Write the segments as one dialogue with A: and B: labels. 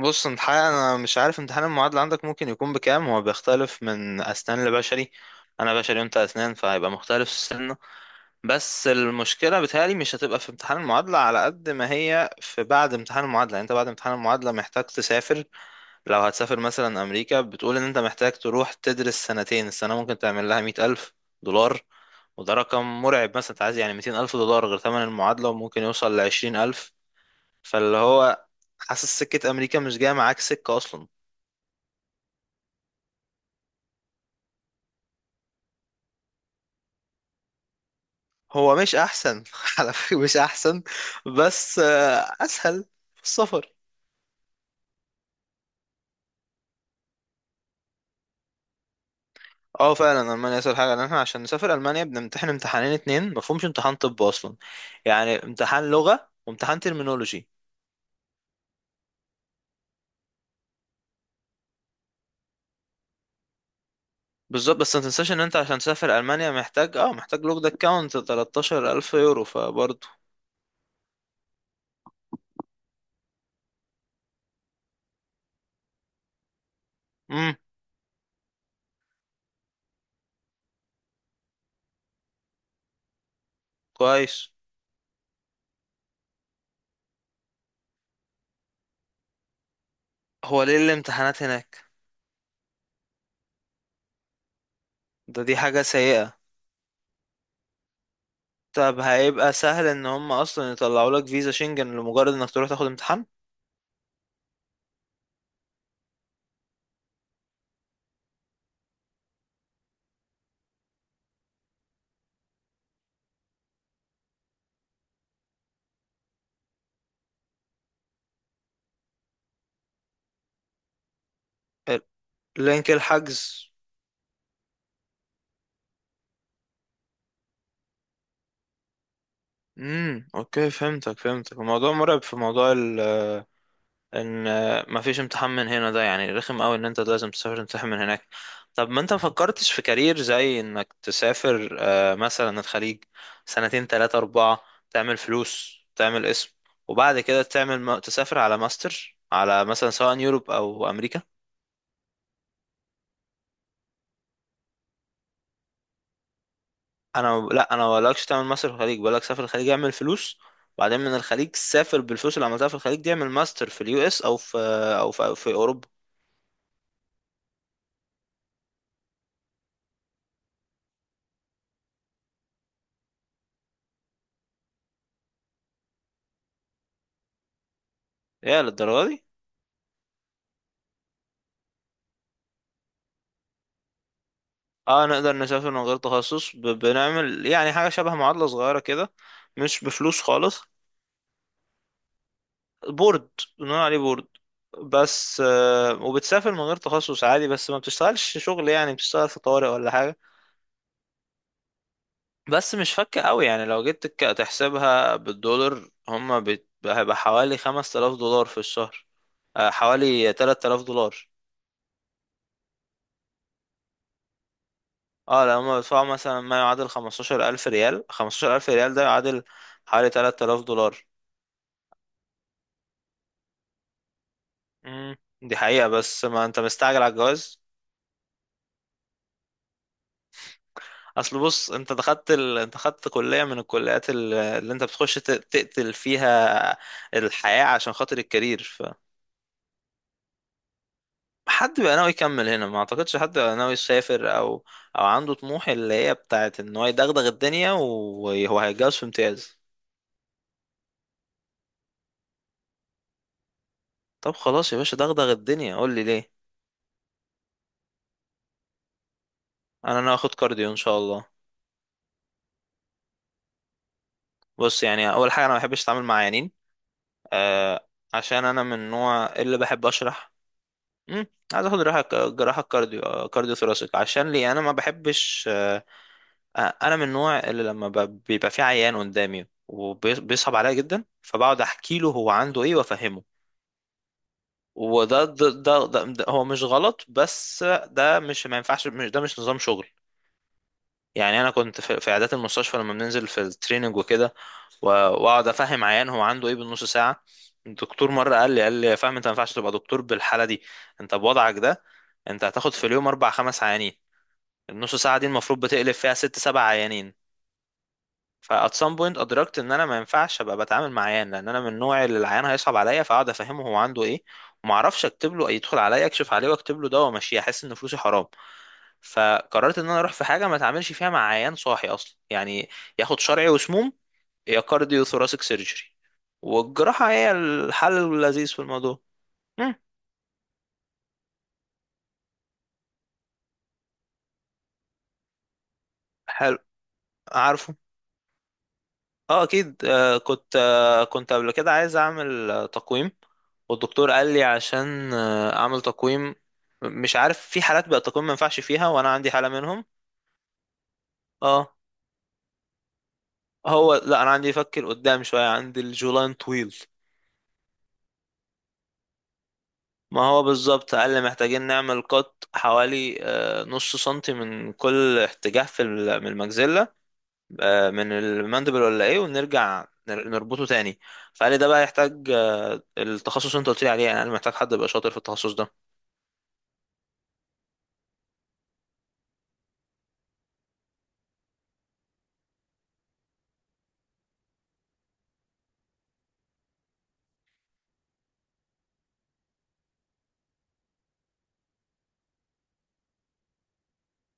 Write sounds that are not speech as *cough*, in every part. A: بص، انت حقيقة انا مش عارف امتحان المعادلة عندك ممكن يكون بكام. هو بيختلف من اسنان لبشري. انا بشري وانت اسنان فهيبقى مختلف السنة. بس المشكلة بتهيألي مش هتبقى في امتحان المعادلة على قد ما هي في بعد امتحان المعادلة، يعني انت بعد امتحان المعادلة محتاج تسافر. لو هتسافر مثلا امريكا، بتقول ان انت محتاج تروح تدرس سنتين، السنة ممكن تعمل لها 100,000 دولار. وده رقم مرعب، مثلا انت عايز يعني 200,000 دولار غير ثمن المعادلة، وممكن يوصل لعشرين الف. فاللي هو حاسس سكة أمريكا مش جاية معاك سكة أصلا. هو مش أحسن *laughs* على فكرة، مش أحسن. بس أسهل في السفر. اه، فعلا ألمانيا أسهل حاجة، لأن احنا عشان نسافر ألمانيا بنمتحن امتحانين اتنين، مفهومش امتحان طب أصلا. يعني امتحان لغة وامتحان ترمينولوجي. بالظبط، بس ما تنساش ان انت عشان تسافر ألمانيا محتاج محتاج لوك ده كاونت 13,000 يورو فبرضه. امم، كويس. هو ليه الامتحانات هناك؟ ده دي حاجة سيئة. طب هيبقى سهل ان هم اصلا يطلعوا لك فيزا شنجن لمجرد انك تروح تاخد امتحان؟ لينك الحجز. امم، اوكي فهمتك فهمتك. الموضوع مرعب في موضوع ال ان مفيش امتحان من هنا. ده يعني رخم قوي ان انت لازم تسافر تمتحن من هناك. طب ما انت مفكرتش في كارير زي انك تسافر مثلا الخليج؟ سنتين، تلاتة، اربعة، تعمل فلوس، تعمل اسم، وبعد كده تسافر على ماستر على، مثلا، سواء يوروب او امريكا. انا لا، انا بقولكش تعمل ماستر في الخليج، بقولك سافر الخليج اعمل فلوس، وبعدين من الخليج سافر بالفلوس اللي عملتها في الخليج دي اعمل ماستر في اليو اس او في او في اوروبا. يا للدرجه دي! اه، نقدر نسافر من غير تخصص، بنعمل يعني حاجه شبه معادله صغيره كده. مش بفلوس خالص. بورد. بنقول عليه بورد. بس وبتسافر من غير تخصص عادي، بس ما بتشتغلش شغل، يعني بتشتغل في طوارئ ولا حاجه. بس مش فكة قوي، يعني لو جيت تحسبها بالدولار، هما هيبقى حوالي 5,000 دولار في الشهر. حوالي 3,000 دولار. اه، لو هما بيدفعوا مثلا ما يعادل 15,000 ريال، 15,000 ريال ده يعادل حوالي 3,000 دولار. امم دي حقيقة، بس ما انت مستعجل على الجواز. اصل بص، انت خدت كلية من الكليات اللي انت بتخش تقتل فيها الحياة عشان خاطر الكارير. حد بقى ناوي يكمل هنا؟ ما اعتقدش حد بقى ناوي يسافر او عنده طموح اللي هي بتاعت ان هو يدغدغ الدنيا وهو هيتجوز في امتياز. طب خلاص يا باشا، دغدغ الدنيا، قول لي ليه. انا ناوي اخد كارديو ان شاء الله. بص، يعني اول حاجه انا ما بحبش اتعامل مع عيانين. آه عشان انا من النوع اللي بحب اشرح. امم عايز اخد جراحه، جراحه كارديو، كارديو ثوراسيك. عشان ليه؟ انا ما بحبش. انا من النوع اللي لما بيبقى في عيان قدامي وبيصعب عليا جدا، فبقعد احكي له هو عنده ايه وافهمه. وده ده, ده, ده, ده هو مش غلط، بس ده مش، ما ينفعش، مش، ده مش نظام شغل. يعني انا كنت في عيادات المستشفى لما بننزل في التريننج وكده، واقعد افهم عيان هو عنده ايه بالنص ساعه. الدكتور مره قال لي يا فاهم، انت ما ينفعش تبقى دكتور بالحاله دي. انت بوضعك ده، انت هتاخد في اليوم اربع خمس عيانين. النص ساعه دي المفروض بتقلب فيها ست سبع عيانين. فات سام بوينت، ادركت ان انا ما ينفعش ابقى بتعامل مع عيان، لان انا من النوع اللي العيان هيصعب عليا، فاقعد افهمه هو عنده ايه وما اعرفش اكتب له. يدخل عليا اكشف عليه واكتب له دواء وامشيه، احس ان فلوسي حرام. فقررت ان انا اروح في حاجه ما اتعاملش فيها مع عيان صاحي اصلا يعني. ياخد شرعي وسموم، يا كارديو ثوراسيك سيرجري. والجراحه هي الحل اللذيذ في الموضوع. مم. حلو. عارفه. اه، اكيد. كنت قبل كده عايز اعمل تقويم. والدكتور قال لي عشان اعمل تقويم. مش عارف، في حالات بقى التقويم ما ينفعش فيها وانا عندي حالة منهم. اه. هو لا، انا عندي يفكر قدام شوية، عندي الجولاين طويل. ما هو بالظبط، قال لي محتاجين نعمل قط حوالي نص سنتي من كل اتجاه في من المجزلة. من المندبل ولا ايه، ونرجع نربطه تاني. فقال لي ده بقى يحتاج التخصص اللي انت قلت لي عليه، يعني انا محتاج حد يبقى شاطر في التخصص ده.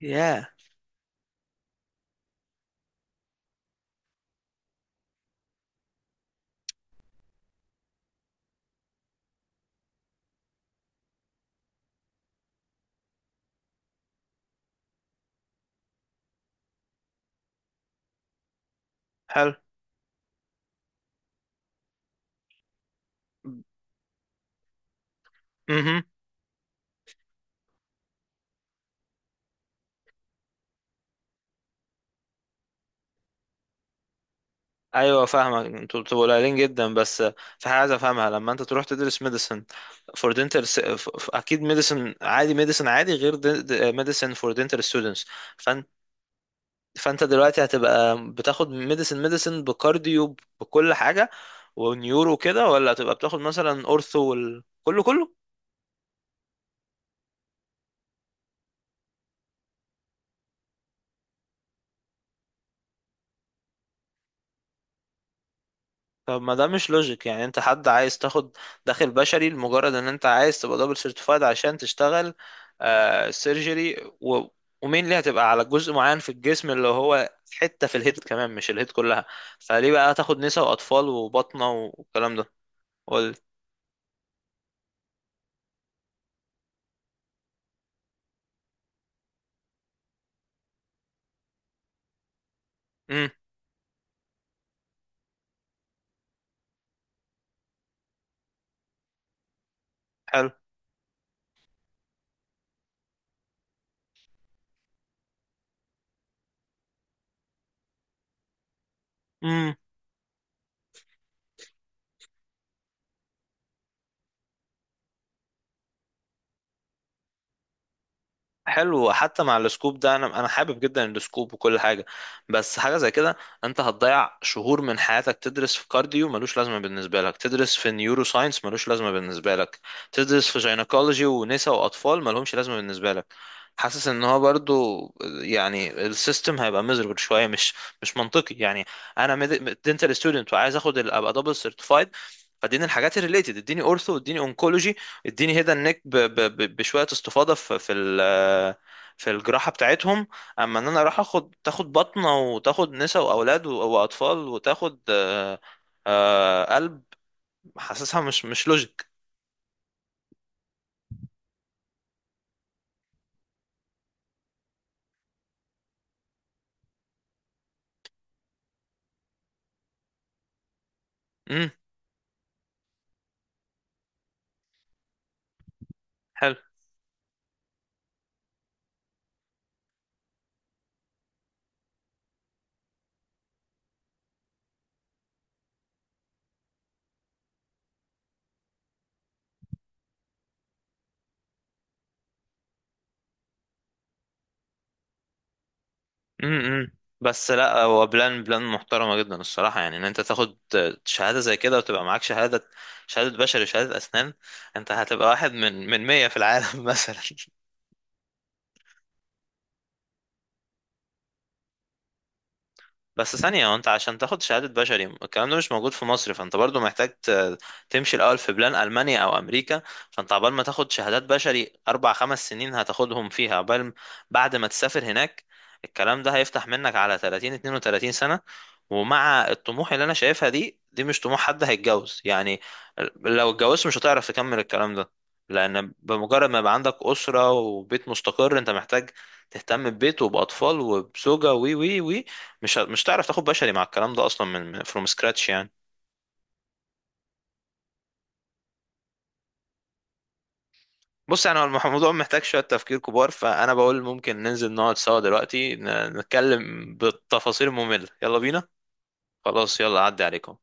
A: ياه. حلو. امم ايوه، فاهمك. انتوا بتبقوا قليلين جدا بس. في حاجه عايز افهمها. لما انت تروح تدرس ميديسن فور دنتال، اكيد ميديسن عادي، ميديسن عادي غير ميديسن فور دنتال ستودنتس. فانت فانت دلوقتي هتبقى بتاخد ميديسن بكارديو بكل حاجه ونيورو كده، ولا هتبقى بتاخد مثلا اورثو كله كله؟ طب، ما ده مش لوجيك، يعني انت حد عايز تاخد داخل بشري لمجرد ان انت عايز تبقى دبل سيرتيفايد عشان تشتغل سيرجري، و... ومين، اللي هتبقى على جزء معين في الجسم اللي هو حتة في الهيد كمان مش الهيد كلها. فليه بقى تاخد نساء واطفال وبطنة والكلام ده؟ قول. امم. حلو. حلو حتى مع السكوب ده، انا حابب جدا السكوب وكل حاجه، بس حاجه زي كده، انت هتضيع شهور من حياتك تدرس في كارديو ملوش لازمه بالنسبه لك، تدرس في نيورو ساينس ملوش لازمه بالنسبه لك، تدرس في جينيكولوجي ونساء واطفال ملهمش لازمه بالنسبه لك. حاسس ان هو برضو، يعني السيستم هيبقى مزربل شويه، مش منطقي يعني. انا دنتال ستودنت، وعايز ابقى دبل سيرتيفايد، فاديني الحاجات الريليتد، اديني اورثو، اديني اونكولوجي، اديني هيدا النك بشويه استفاضه في في الجراحه بتاعتهم. اما ان انا اروح اخد تاخد بطنه وتاخد نساء واولاد واطفال وتاخد قلب، حاسسها مش لوجيك. امم. حلو. امم بس لا، هو بلان بلان محترمه جدا الصراحه، يعني ان انت تاخد شهاده زي كده وتبقى معاك شهاده، شهاده بشري وشهاده اسنان. انت هتبقى واحد من 100 في العالم *laughs* مثلا. بس ثانية، وانت عشان تاخد شهادة بشري الكلام ده مش موجود في مصر، فانت برضو محتاج تمشي الأول في بلان ألمانيا أو أمريكا. فانت عقبال ما تاخد شهادات بشري أربع خمس سنين هتاخدهم فيها، بعد ما تسافر هناك. الكلام ده هيفتح منك على 30 32 سنة. ومع الطموح اللي أنا شايفها دي مش طموح حد هيتجوز يعني. لو اتجوزت مش هتعرف تكمل الكلام ده، لأن بمجرد ما يبقى عندك أسرة وبيت مستقر انت محتاج تهتم ببيت وبأطفال وبزوجة وي وي وي. مش هتعرف تاخد بشري مع الكلام ده اصلا من فروم سكراتش يعني. بص، يعني هو الموضوع محتاج شويه تفكير كبار، فانا بقول ممكن ننزل نقعد سوا دلوقتي نتكلم بالتفاصيل الممله. يلا بينا. خلاص، يلا عدي عليكم.